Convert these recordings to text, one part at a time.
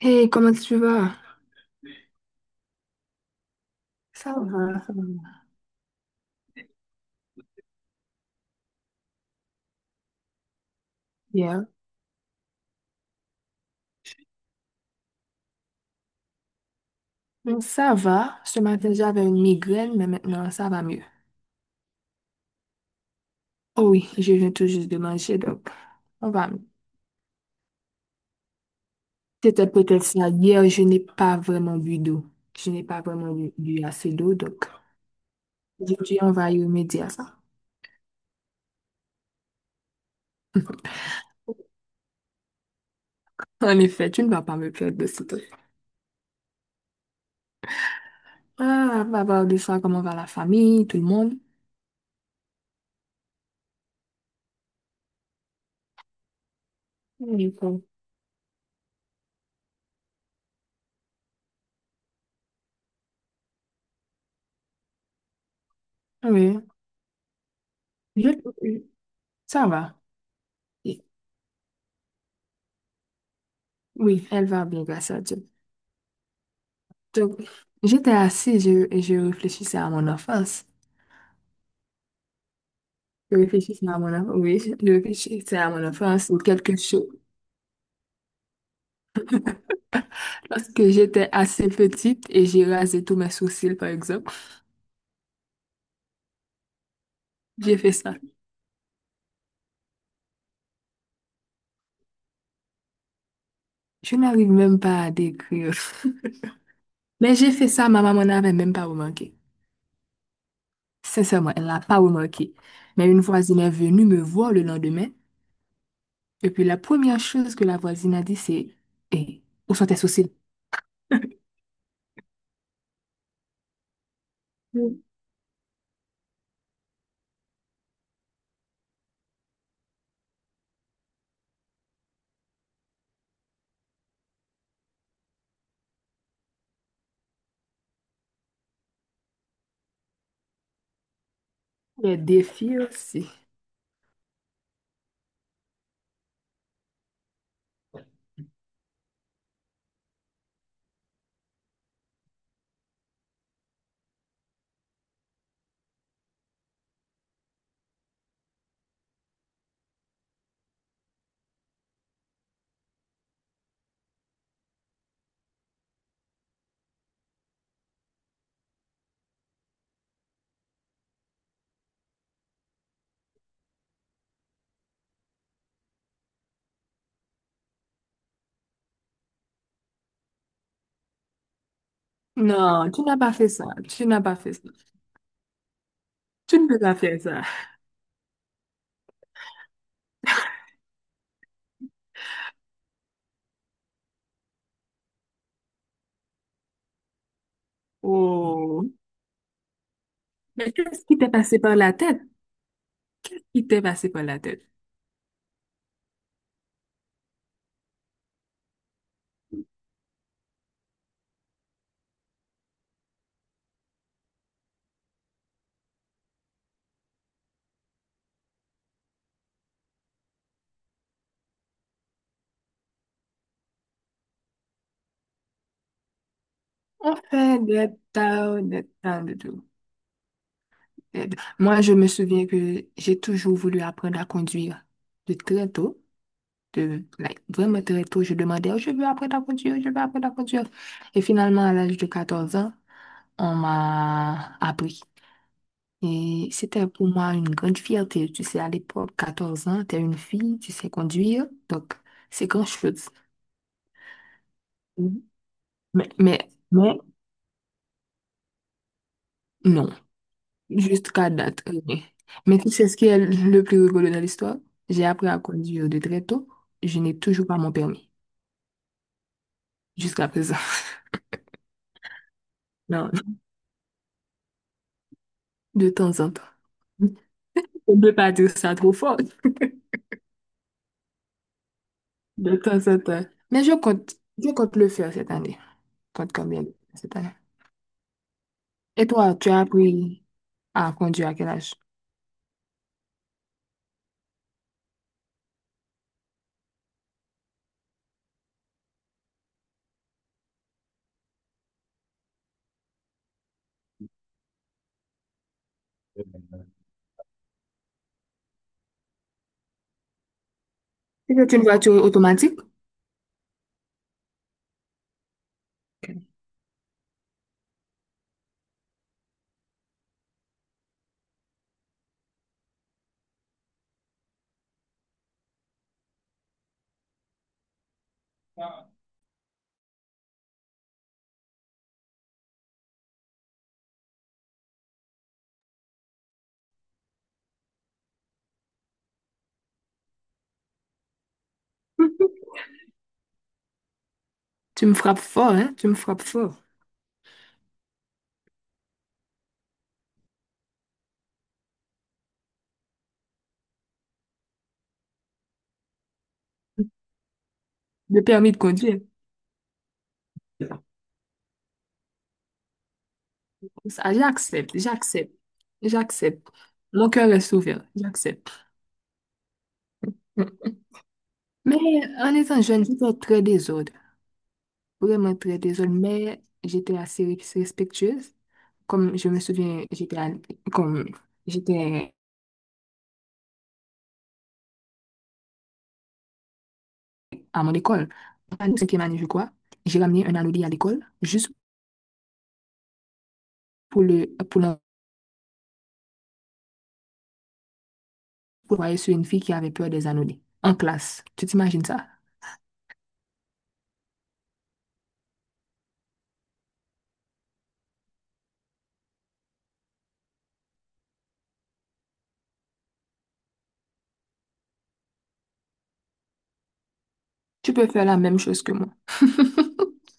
Hey, comment tu vas? Ça va, ça va. Bien. Ça va. Ce matin, j'avais une migraine, mais maintenant, ça va mieux. Oh oui, je viens tout juste de manger, donc on va mieux. C'était peut-être ça. Hier, je n'ai pas vraiment bu d'eau. Je n'ai pas vraiment bu assez d'eau, donc aujourd'hui, on va y remédier à ça. En effet, tu ne vas pas me perdre de ce truc. Ah, on va voir de ça comment va la famille, tout le monde. Oui, bon. Oui. Je- Ça va. Oui, elle va bien, grâce à Dieu. Donc, j'étais assise et je réfléchissais à mon enfance. Je réfléchissais à mon enfance, oui, je réfléchissais à mon enfance ou quelque chose. Lorsque j'étais assez petite et j'ai rasé tous mes sourcils, par exemple, j'ai fait ça. Je n'arrive même pas à décrire. Mais j'ai fait ça, ma maman n'avait même pas remarqué. Sincèrement, elle n'a pas remarqué. Mais une voisine est venue me voir le lendemain. Et puis la première chose que la voisine a dit, c'est, eh, où sont tes sourcils? Mm. Les défis aussi. Non, tu n'as pas fait ça. Tu n'as pas fait ça. Tu ne peux pas faire ça. Oh. Mais qu'est-ce qui t'est passé par la tête? Qui t'est passé par la tête? On fait des tas de tout. Et moi, je me souviens que j'ai toujours voulu apprendre à conduire de très tôt. De, like, vraiment très tôt, je demandais, oh, je veux apprendre à conduire, je veux apprendre à conduire. Et finalement, à l'âge de 14 ans, on m'a appris. Et c'était pour moi une grande fierté. Tu sais, à l'époque, 14 ans, tu es une fille, tu sais conduire, donc c'est grand-chose. Mhm. Mais, non, jusqu'à date. Rien. Mais tu sais ce qui est le plus rigolo dans l'histoire? J'ai appris à conduire de très tôt. Je n'ai toujours pas mon permis, jusqu'à présent. Non, de temps en temps. On ne peut pas dire ça trop fort, de temps en temps. Mais je compte le faire cette année. Compte combien cette année. Et toi, tu as appris à conduire à quel âge? Si c'est une voiture automatique. Ok. Tu me frappes fort, hein? Tu me frappes fort. Le permis de conduire. Ça, j'accepte. Mon cœur est ouvert, j'accepte. Mm. Mais en étant jeune, j'étais très désordre, vraiment très désordre, mais j'étais assez respectueuse. Comme je me souviens, comme j'étais à mon école, en 5e année, je crois, j'ai ramené un anodi à l'école juste pour l'envoyer sur une fille qui avait peur des anodis en classe. Tu t'imagines ça? Tu peux faire la même chose que moi.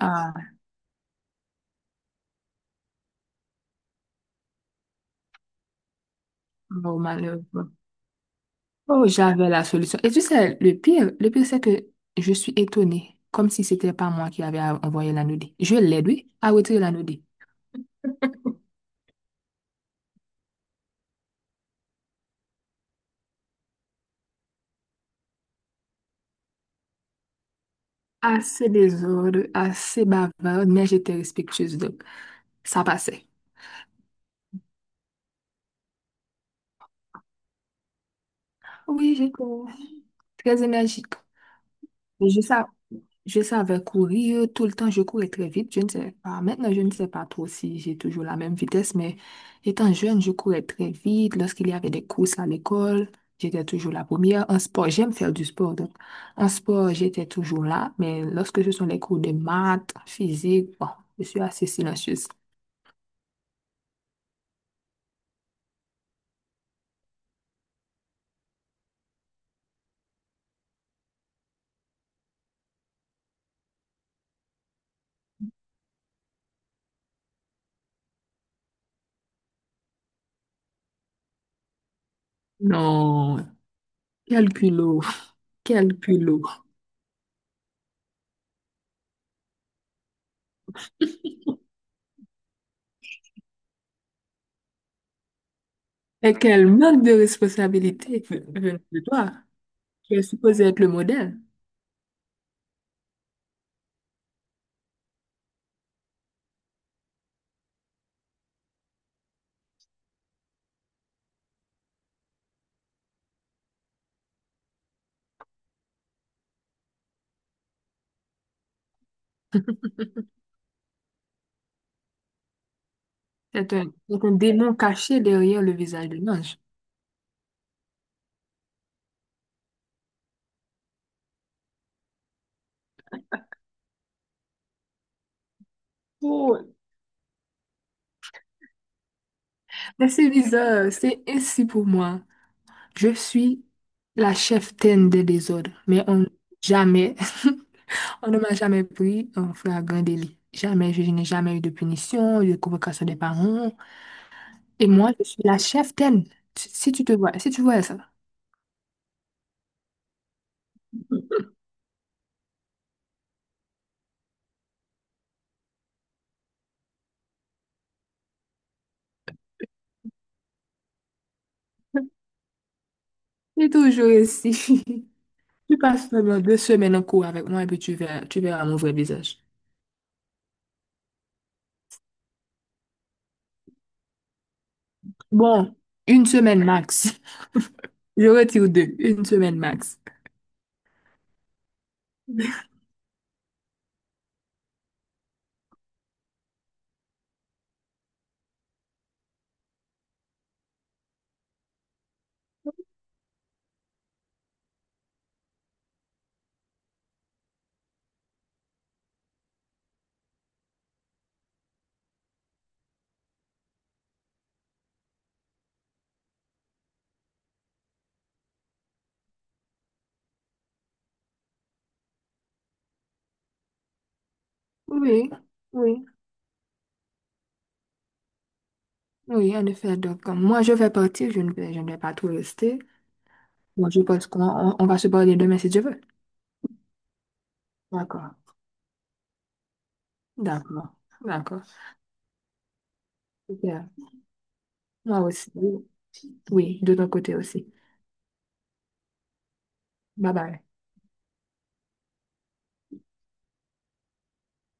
Ah, oh, malheureux. Oh, j'avais la solution. Et tu sais, le pire, c'est que je suis étonnée, comme si c'était pas moi qui avait envoyé la. Je l'aide, oui, à retirer la. Assez désordre, assez bavarde, mais j'étais respectueuse, donc ça passait. Oui, j'étais très énergique. Mais je sais, Je savais courir tout le temps, je courais très vite. Je ne sais pas. Maintenant, je ne sais pas trop si j'ai toujours la même vitesse, mais étant jeune, je courais très vite. Lorsqu'il y avait des courses à l'école, j'étais toujours la première. En sport, j'aime faire du sport. Donc, en sport, j'étais toujours là, mais lorsque ce sont les cours de maths, physique, bon, je suis assez silencieuse. Non, quel culot, quel culot. Et quel manque de responsabilité venant de toi. Tu es supposé être le modèle. C'est un démon caché derrière le visage de l'ange. Oh. Mais c'est bizarre, c'est ainsi pour moi. Je suis la cheftaine des désordres, mais on, jamais, on ne m'a jamais pris en flagrant délit. Jamais, je n'ai jamais eu de punition, de convocation des parents. Et moi, je suis la cheftaine. Si tu vois ça, c'est toujours ainsi. Tu passes seulement 2 semaines en cours avec moi et puis tu verras mon vrai visage. Bon, 1 semaine max. Je retire deux, 1 semaine max. Oui, oui, oui, en effet. Donc, moi, je vais partir. Je ne vais pas tout rester. Moi je pense on va se parler demain si tu veux. D'accord. D'accord. D'accord. Super. Moi aussi. Oui, oui, de ton côté aussi. Bye bye.